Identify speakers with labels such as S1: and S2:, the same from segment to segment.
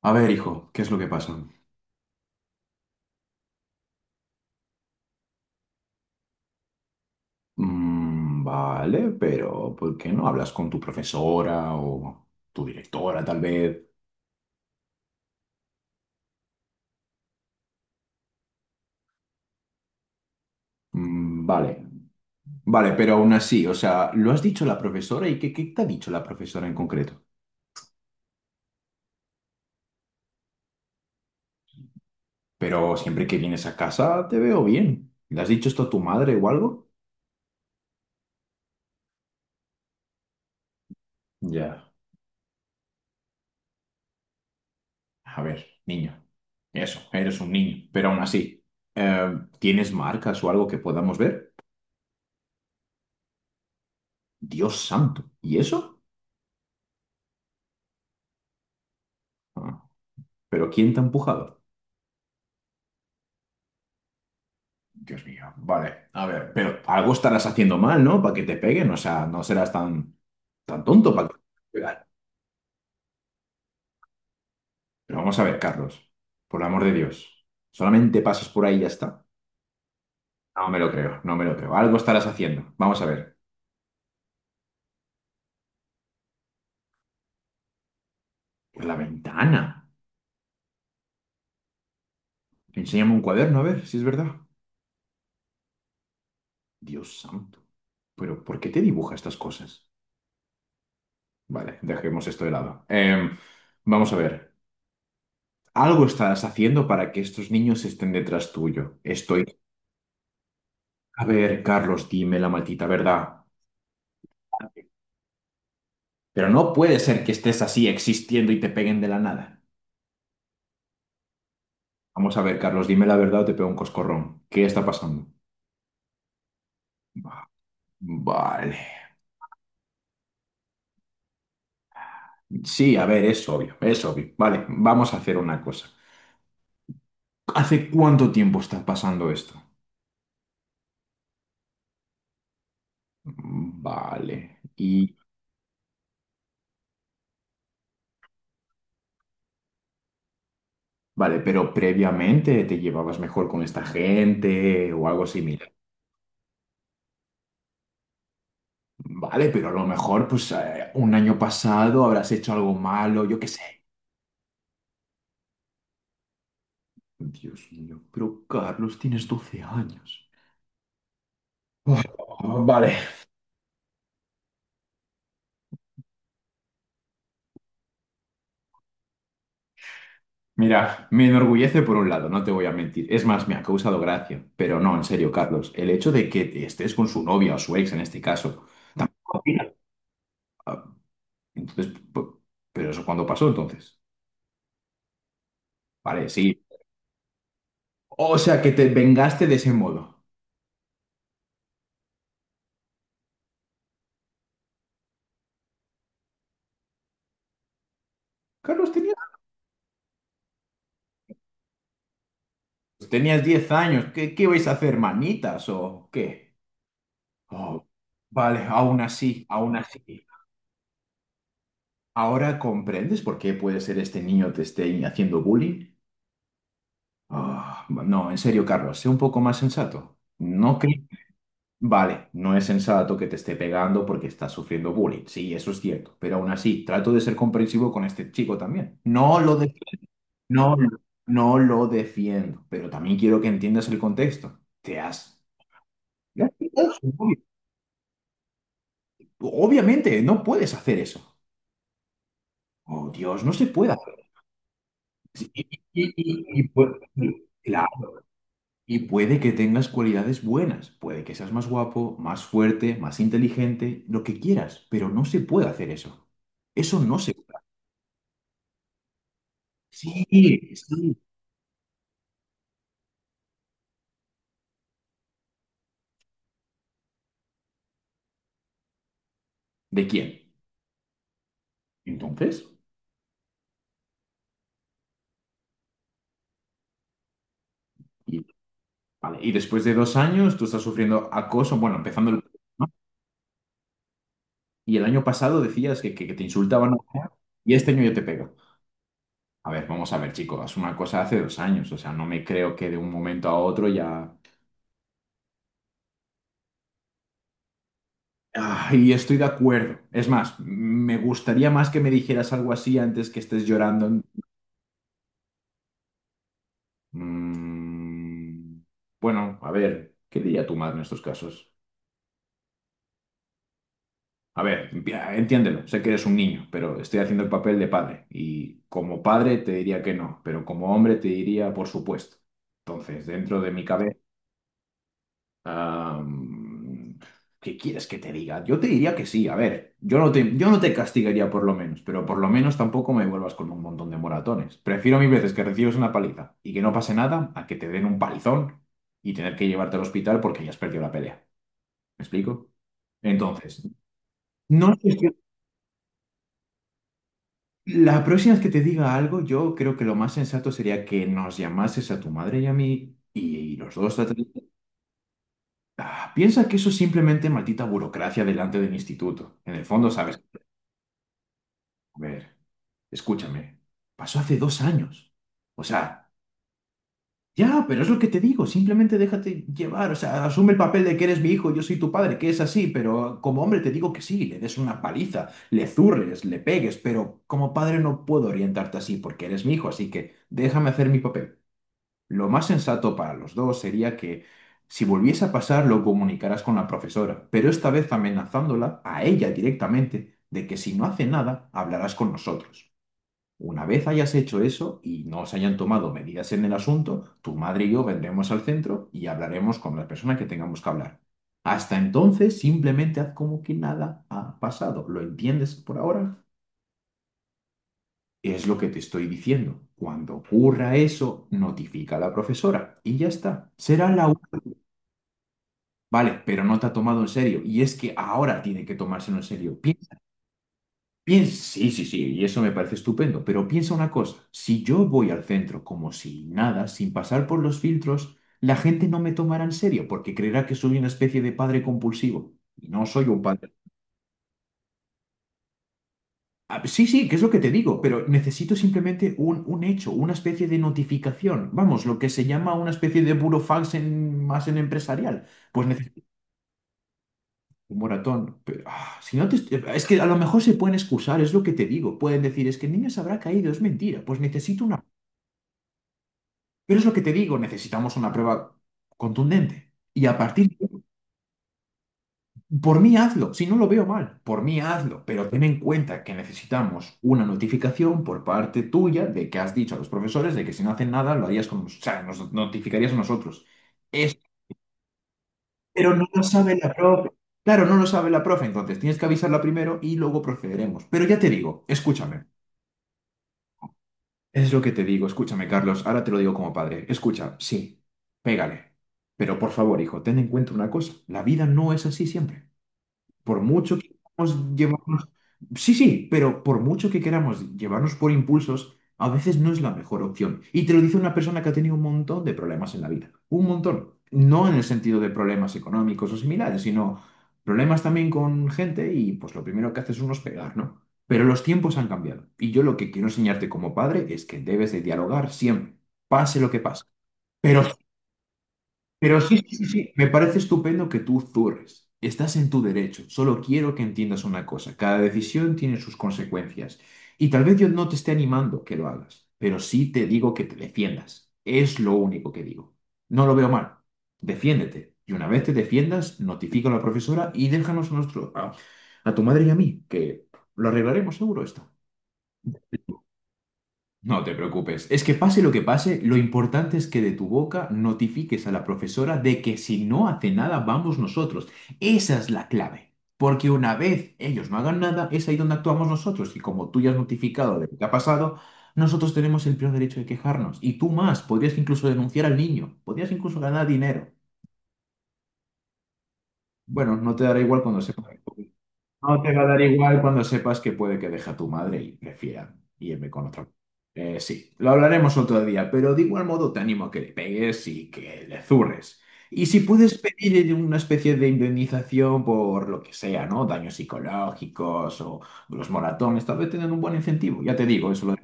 S1: A ver, hijo, ¿qué es lo que pasa? "Mm, vale, pero ¿por qué no hablas con tu profesora o tu directora, tal vez? "Mm, vale, vale, pero aún así, o sea, ¿lo has dicho la profesora y qué, qué te ha dicho la profesora en concreto? Pero siempre que vienes a casa te veo bien. ¿Le has dicho esto a tu madre o algo? Ya, a ver, niño, eso, eres un niño, pero aún así, eh, ¿tienes marcas o algo que podamos ver? Dios santo, ¿y eso? Ah, ¿pero quién te ha empujado? Dios mío, vale, a ver, pero algo estarás haciendo mal, ¿no? Para que te peguen, o sea, no serás tan, tan tonto para que te peguen. Pero vamos a ver, Carlos, por el amor de Dios, solamente pasas por ahí y ya está. No me lo creo, no me lo creo. Algo estarás haciendo. Vamos a ver, por la ventana. Enséñame un cuaderno, a ver si es verdad. Dios santo, pero ¿por qué te dibuja estas cosas? Vale, dejemos esto de lado. Vamos a ver, algo estarás haciendo para que estos niños estén detrás tuyo. Estoy. A ver, Carlos, dime la maldita verdad. Pero no puede ser que estés así existiendo y te peguen de la nada. Vamos a ver, Carlos, dime la verdad o te pego un coscorrón. ¿Qué está pasando? Vale. Sí, a ver, es obvio, es obvio. Vale, vamos a hacer una cosa. ¿Hace cuánto tiempo está pasando esto? Vale. Y vale, pero previamente te llevabas mejor con esta gente o algo similar. Vale, pero a lo mejor, pues, un año pasado habrás hecho algo malo, yo qué sé. Dios mío, pero Carlos, tienes 12 años. Uf, vale. Mira, me enorgullece por un lado, no te voy a mentir. Es más, me ha causado gracia. Pero no, en serio, Carlos, el hecho de que estés con su novia o su ex en este caso. Ah, entonces, p- ¿pero eso cuando pasó entonces? Vale, sí. O sea, que te vengaste de ese modo. Carlos, tenías, tenías 10 años. ¿Qué, qué vais a hacer, manitas o qué? Oh, vale, aún así, aún así. ¿Ahora comprendes por qué puede ser este niño te esté haciendo bullying? Ah, no, en serio, Carlos, sé un poco más sensato. Vale, no es sensato que te esté pegando porque estás sufriendo bullying. Sí, eso es cierto. Pero aún así, trato de ser comprensivo con este chico también. No lo defiendo. No, no lo defiendo. Pero también quiero que entiendas el contexto. Te has. Te has quitado su móvil. Obviamente, no puedes hacer eso. Oh, Dios, no se puede hacer. Pues, claro. Y puede que tengas cualidades buenas, puede que seas más guapo, más fuerte, más inteligente, lo que quieras, pero no se puede hacer eso. Eso no se puede hacer. Sí, sí. ¿De quién? Entonces, y, vale, y después de 2 años tú estás sufriendo acoso, bueno, empezando el... ¿no? Y el año pasado decías que, que te insultaban y este año yo te pego. A ver, vamos a ver, chicos, es una cosa de hace 2 años, o sea, no me creo que de un momento a otro ya... Ah, y estoy de acuerdo. Es más, me gustaría más que me dijeras algo así antes que estés llorando. Mm, bueno, a ver, ¿qué diría tu madre en estos casos? A ver, entiéndelo, sé que eres un niño, pero estoy haciendo el papel de padre. Y como padre te diría que no, pero como hombre te diría por supuesto. Entonces, dentro de mi cabeza... Am, ¿qué quieres que te diga? Yo te diría que sí, a ver, yo no te castigaría por lo menos, pero por lo menos tampoco me vuelvas con un montón de moratones. Prefiero mil veces que recibas una paliza y que no pase nada a que te den un palizón y tener que llevarte al hospital porque ya has perdido la pelea. ¿Me explico? Entonces, no sé si- la próxima vez que te diga algo, yo creo que lo más sensato sería que nos llamases a tu madre y a mí y, los dos. Ah, piensa que eso es simplemente maldita burocracia delante del instituto. En el fondo, sabes. A ver, escúchame. Pasó hace 2 años. O sea, ya, pero es lo que te digo. Simplemente déjate llevar. O sea, asume el papel de que eres mi hijo, yo soy tu padre, que es así. Pero como hombre te digo que sí, le des una paliza, le zurres, le pegues. Pero como padre no puedo orientarte así porque eres mi hijo. Así que déjame hacer mi papel. Lo más sensato para los dos sería que si volviese a pasar lo comunicarás con la profesora, pero esta vez amenazándola a ella directamente de que si no hace nada, hablarás con nosotros. Una vez hayas hecho eso y no os hayan tomado medidas en el asunto, tu madre y yo vendremos al centro y hablaremos con la persona que tengamos que hablar. Hasta entonces, simplemente haz como que nada ha pasado. ¿Lo entiendes por ahora? Es lo que te estoy diciendo. Cuando ocurra eso, notifica a la profesora y ya está. Será la. Vale, pero no te ha tomado en serio. Y es que ahora tiene que tomárselo en serio. Piensa, sí, sí, sí, y eso me parece estupendo, pero piensa una cosa, si yo voy al centro como si nada, sin pasar por los filtros, la gente no me tomará en serio porque creerá que soy una especie de padre compulsivo. Y no soy un padre. Ah, sí, sí, que es lo que te digo, pero necesito simplemente un hecho, una especie de notificación. Vamos, lo que se llama una especie de burofax en, más en empresarial. Pues necesito. Un moratón. Pero, ah, si no te est- es que a lo mejor se pueden excusar, es lo que te digo. Pueden decir, es que el niño se habrá caído, es mentira. Pues necesito una. Pero es lo que te digo, necesitamos una prueba contundente. Y a partir de... Por mí hazlo, si no lo veo mal, por mí hazlo. Pero ten en cuenta que necesitamos una notificación por parte tuya de que has dicho a los profesores de que si no hacen nada, lo harías con... O sea, nos notificarías a nosotros. Pero no lo sabe la profe. Claro, no lo sabe la profe, entonces tienes que avisarla primero y luego procederemos. Pero ya te digo, escúchame. Es lo que te digo, escúchame, Carlos. Ahora te lo digo como padre. Escucha, sí, pégale. Pero por favor, hijo, ten en cuenta una cosa. La vida no es así siempre. Por mucho que queramos llevarnos... Sí, sí, pero por mucho que queramos llevarnos por impulsos, a veces no es la mejor opción. Y te lo dice una persona que ha tenido un montón de problemas en la vida. Un montón. No en el sentido de problemas económicos o similares, sino problemas también con gente y pues lo primero que haces uno es pegar, ¿no? Pero los tiempos han cambiado. Y yo lo que quiero enseñarte como padre es que debes de dialogar siempre, pase lo que pase. Pero pero sí, sí, sí, sí, me parece estupendo que tú zurres. Estás en tu derecho. Solo quiero que entiendas una cosa. Cada decisión tiene sus consecuencias. Y tal vez yo no te esté animando que lo hagas, pero sí te digo que te defiendas. Es lo único que digo. No lo veo mal. Defiéndete. Y una vez te defiendas, notifica a la profesora y déjanos a, nuestro, a tu madre y a mí, que lo arreglaremos seguro esto. No te preocupes. Es que pase, lo importante es que de tu boca notifiques a la profesora de que si no hace nada, vamos nosotros. Esa es la clave. Porque una vez ellos no hagan nada, es ahí donde actuamos nosotros. Y como tú ya has notificado de lo que ha pasado, nosotros tenemos el pleno derecho de quejarnos. Y tú más, podrías incluso denunciar al niño, podrías incluso ganar dinero. Bueno, no te dará igual cuando sepas. No te va a dar igual cuando sepas que puede que deje a tu madre y prefiera irme con otra. Sí, lo hablaremos otro día, pero de igual modo te animo a que le pegues y que le zurres. Y si puedes pedir una especie de indemnización por lo que sea, ¿no? Daños psicológicos o los moratones, tal vez tengan un buen incentivo. Ya te digo, eso lo.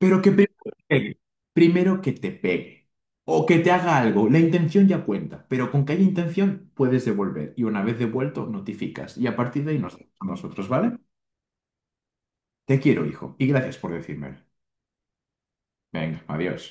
S1: Pero que primero que pegue, primero que te pegue o que te haga algo, la intención ya cuenta, pero con que haya intención puedes devolver y una vez devuelto notificas y a partir de ahí nos vemos nosotros, ¿vale? Te quiero, hijo, y gracias por decírmelo. Venga, adiós.